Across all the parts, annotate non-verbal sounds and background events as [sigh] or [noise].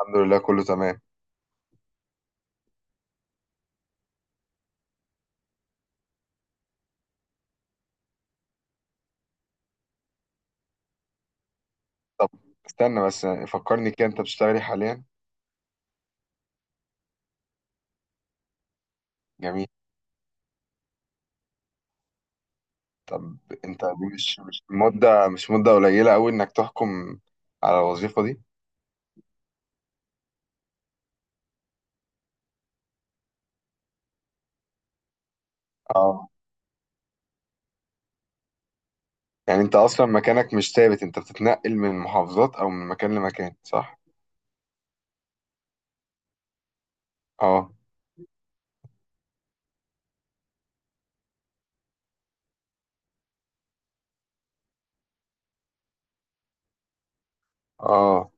الحمد لله، كله تمام. طب، استنى بس فكرني كده، انت بتشتغلي حاليا؟ جميل. طب انت، دي مش مدة قليلة قوي انك تحكم على الوظيفة دي؟ اه. يعني انت اصلا مكانك مش ثابت، انت بتتنقل من محافظات او من مكان لمكان، صح؟ اه، اه.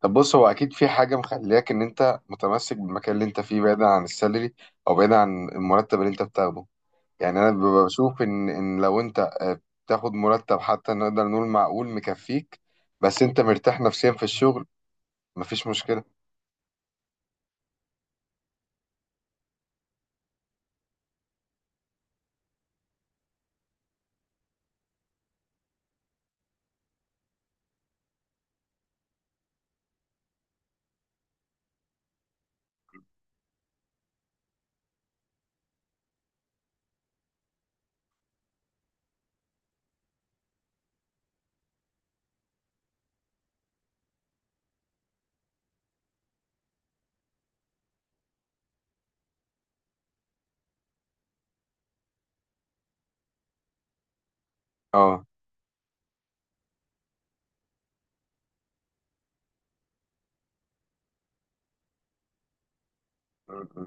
طب بص، هو اكيد في حاجة مخلياك ان انت متمسك بالمكان اللي انت فيه، بعيدا عن السالري او بعيدا عن المرتب اللي انت بتاخده. يعني انا ببقى بشوف ان ان لو انت بتاخد مرتب حتى نقدر نقول معقول مكفيك، بس انت مرتاح نفسيا في الشغل، مفيش مشكلة. اه. م- م.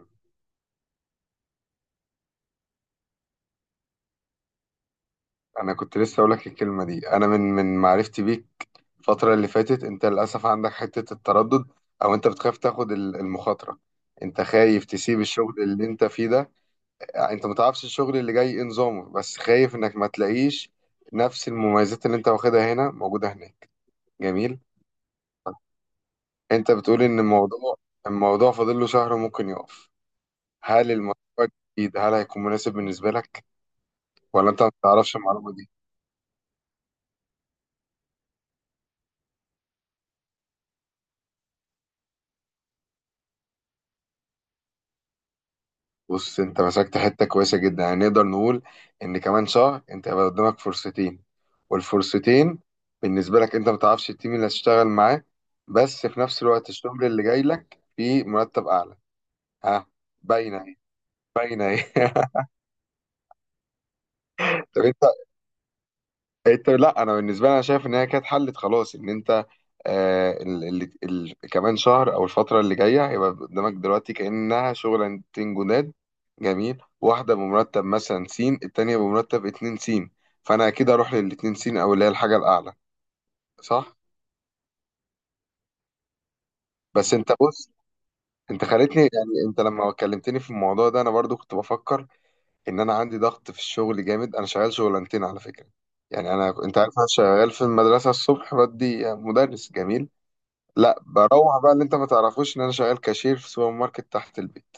انا كنت لسه اقول لك الكلمة دي. انا من معرفتي بيك الفترة اللي فاتت، انت للاسف عندك حتة التردد، او انت بتخاف تاخد المخاطرة انت خايف تسيب الشغل اللي انت فيه ده. يعني انت متعرفش الشغل اللي جاي ايه نظامه، بس خايف انك ما تلاقيش نفس المميزات اللي انت واخدها هنا موجودة هناك. جميل. انت بتقول ان الموضوع، الموضوع فاضل له شهر وممكن يقف. هل المشروع الجديد هل هيكون مناسب بالنسبه لك، ولا انت ما تعرفش المعلومه دي؟ بص، انت مسكت حته كويسه جدا، يعني نقدر نقول ان كمان شهر انت هيبقى قدامك فرصتين. والفرصتين بالنسبه لك، انت ما تعرفش التيم اللي هتشتغل معاه، بس في نفس الوقت الشغل اللي جاي لك فيه مرتب اعلى. ها. باينه اهي، باينه اهي. [laughs] طب انت، لا، انا بالنسبه لي، انا شايف ان هي كانت حلت خلاص، ان انت كمان شهر او الفتره اللي جايه هيبقى قدامك دلوقتي كانها شغلانتين جداد. جميل، واحده بمرتب مثلا س، التانيه بمرتب 2 س، فانا اكيد اروح للاتنين س، او اللي هي الحاجه الاعلى، صح؟ بس انت، بص، خليتني يعني انت لما كلمتني في الموضوع ده انا برضو كنت بفكر ان انا عندي ضغط في الشغل جامد. انا شغال شغلانتين على فكره. يعني انا، انت عارف، انا شغال في المدرسه الصبح بدي مدرس. جميل. لا، بروح بقى اللي انت ما تعرفوش، ان انا شغال كاشير في سوبر ماركت تحت البيت.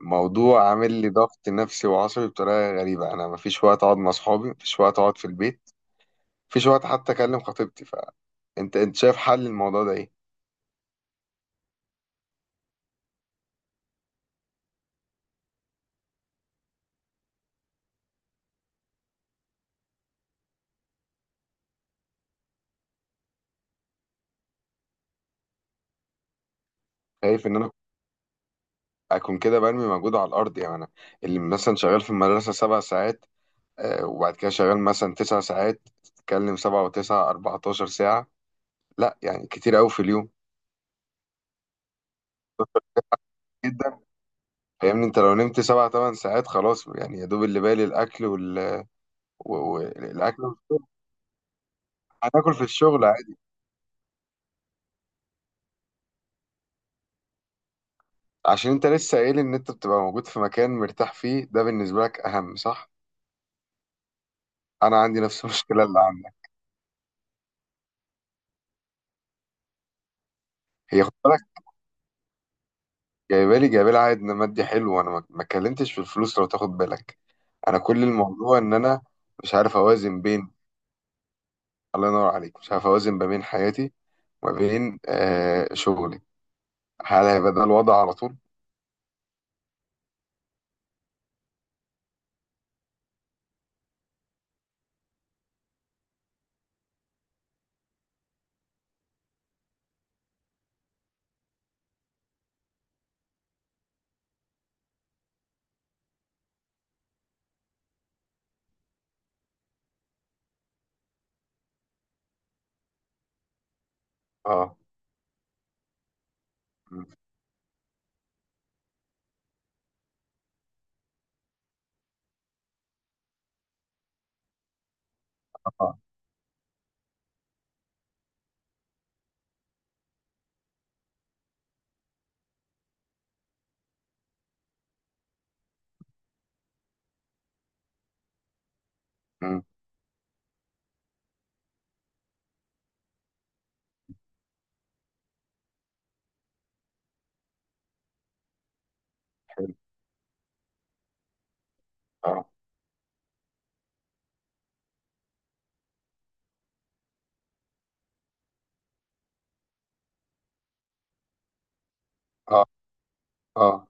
موضوع عامل لي ضغط نفسي وعصبي بطريقه غريبه. انا ما فيش وقت اقعد مع اصحابي، ما فيش وقت اقعد في البيت، ما فيش وقت حتى اكلم خطيبتي. فانت انت شايف حل الموضوع ده ايه؟ شايف ان انا اكون كده برمي مجهود على الارض؟ يعني انا، اللي مثلا شغال في المدرسه 7 ساعات، وبعد كده شغال مثلا 9 ساعات، تتكلم سبعة وتسعة 14 ساعة، لا يعني كتير قوي في اليوم. جدا. فاهمني، انت لو نمت سبع تمن ساعات خلاص، يعني يا دوب اللي بالي الاكل، والاكل في الشغل. هتاكل في الشغل عادي. عشان انت لسه قايل ان انت بتبقى موجود في مكان مرتاح فيه، ده بالنسبه لك اهم، صح؟ انا عندي نفس [laughs] المشكله اللي عندك. هي، خد بالك، جايبه لي عائد مادي حلو، وانا ما اتكلمتش في الفلوس، لو تاخد بالك. انا كل الموضوع ان انا مش عارف اوازن بين، الله ينور عليك، مش عارف اوازن ما بين حياتي وما بين شغلي هل هيبقى ده الوضع على طول؟ اه. م،. طبعا. م،. حلو. اه، اه، اه.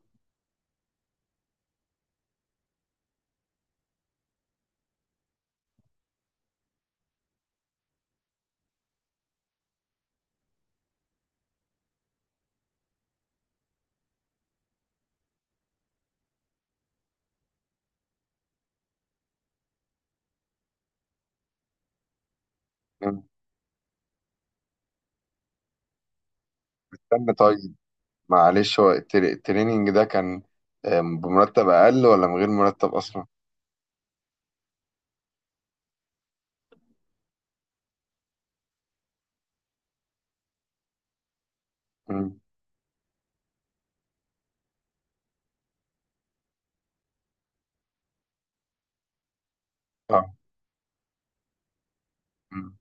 م،. استنى طيب، معلش، هو التريننج ده كان بمرتب أقل، ولا من غير مرتب أصلا؟ مم. آه. مم.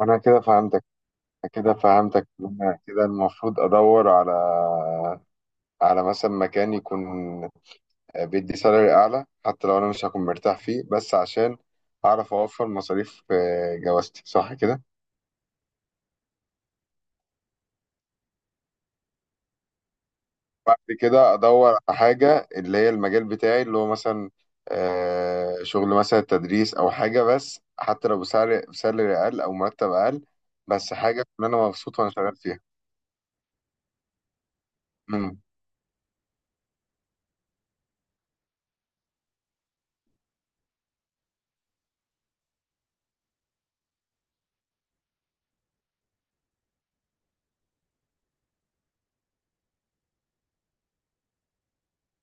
أنا كده فهمتك. كده فهمتك. أنا كده المفروض أدور على، على مثلا مكان يكون بيدي سالري أعلى، حتى لو أنا مش هكون مرتاح فيه، بس عشان أعرف أوفر مصاريف جوازتي صح كده؟ بعد كده ادور على حاجه اللي هي المجال بتاعي، اللي هو مثلا شغل مثلا تدريس او حاجه، بس حتى لو بسعر، بسالري اقل او مرتب اقل، بس حاجه ان انا مبسوط وانا شغال فيها. امم.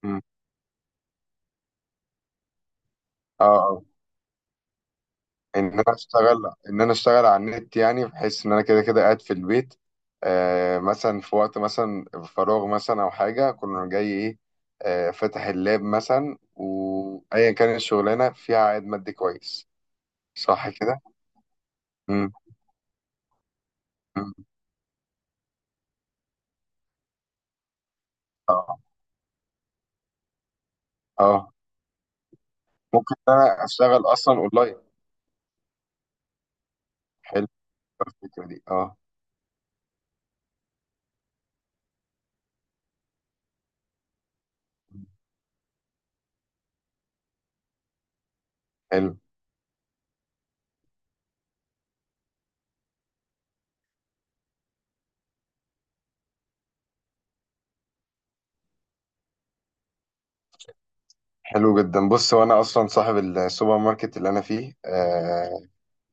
امم. اه، اه. ان انا اشتغل، ان انا اشتغل على النت، يعني بحيث ان انا كده كده قاعد في البيت، مثلا في وقت مثلا فراغ مثلا او حاجه كنا جاي ايه، فاتح اللاب مثلا، وايا كانت الشغلانه فيها عائد مادي كويس. صح كده. امم. اه، اه. ممكن انا اشتغل اصلا اونلاين. حلو، الفكره دي، اه. حلو. حلو جدا. بص، هو انا اصلا صاحب السوبر ماركت اللي انا فيه،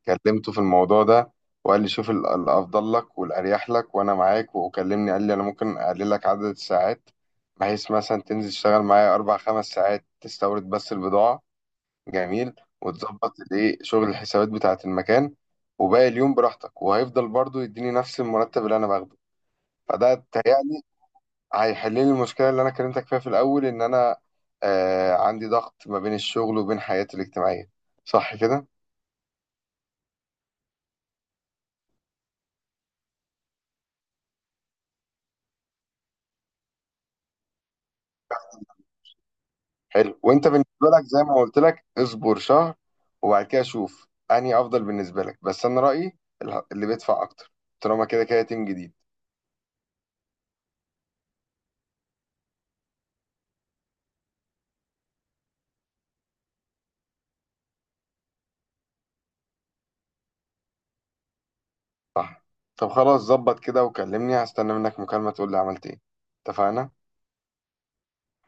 كلمته في الموضوع ده، وقال لي شوف الافضل لك والاريح لك وانا معاك، وكلمني قال لي انا ممكن اقلل لك عدد الساعات، بحيث مثلا تنزل تشتغل معايا اربع خمس ساعات، تستورد بس البضاعه. جميل. وتظبط الايه شغل الحسابات بتاعه المكان، وباقي اليوم براحتك، وهيفضل برضو يديني نفس المرتب اللي انا باخده. فده تهيألي هيحل لي المشكله اللي انا كلمتك فيها في الاول، ان انا عندي ضغط ما بين الشغل وبين حياتي الاجتماعيه، صح كده؟ حلو. وانت بالنسبه لك زي ما قلت لك، اصبر شهر وبعد كده شوف انهي افضل بالنسبه لك، بس انا رايي اللي بيدفع اكتر، طالما كده كده تيم جديد. طب خلاص، ظبط كده وكلمني، هستنى منك مكالمه تقول لي عملت ايه. اتفقنا؟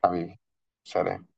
حبيبي. سلام.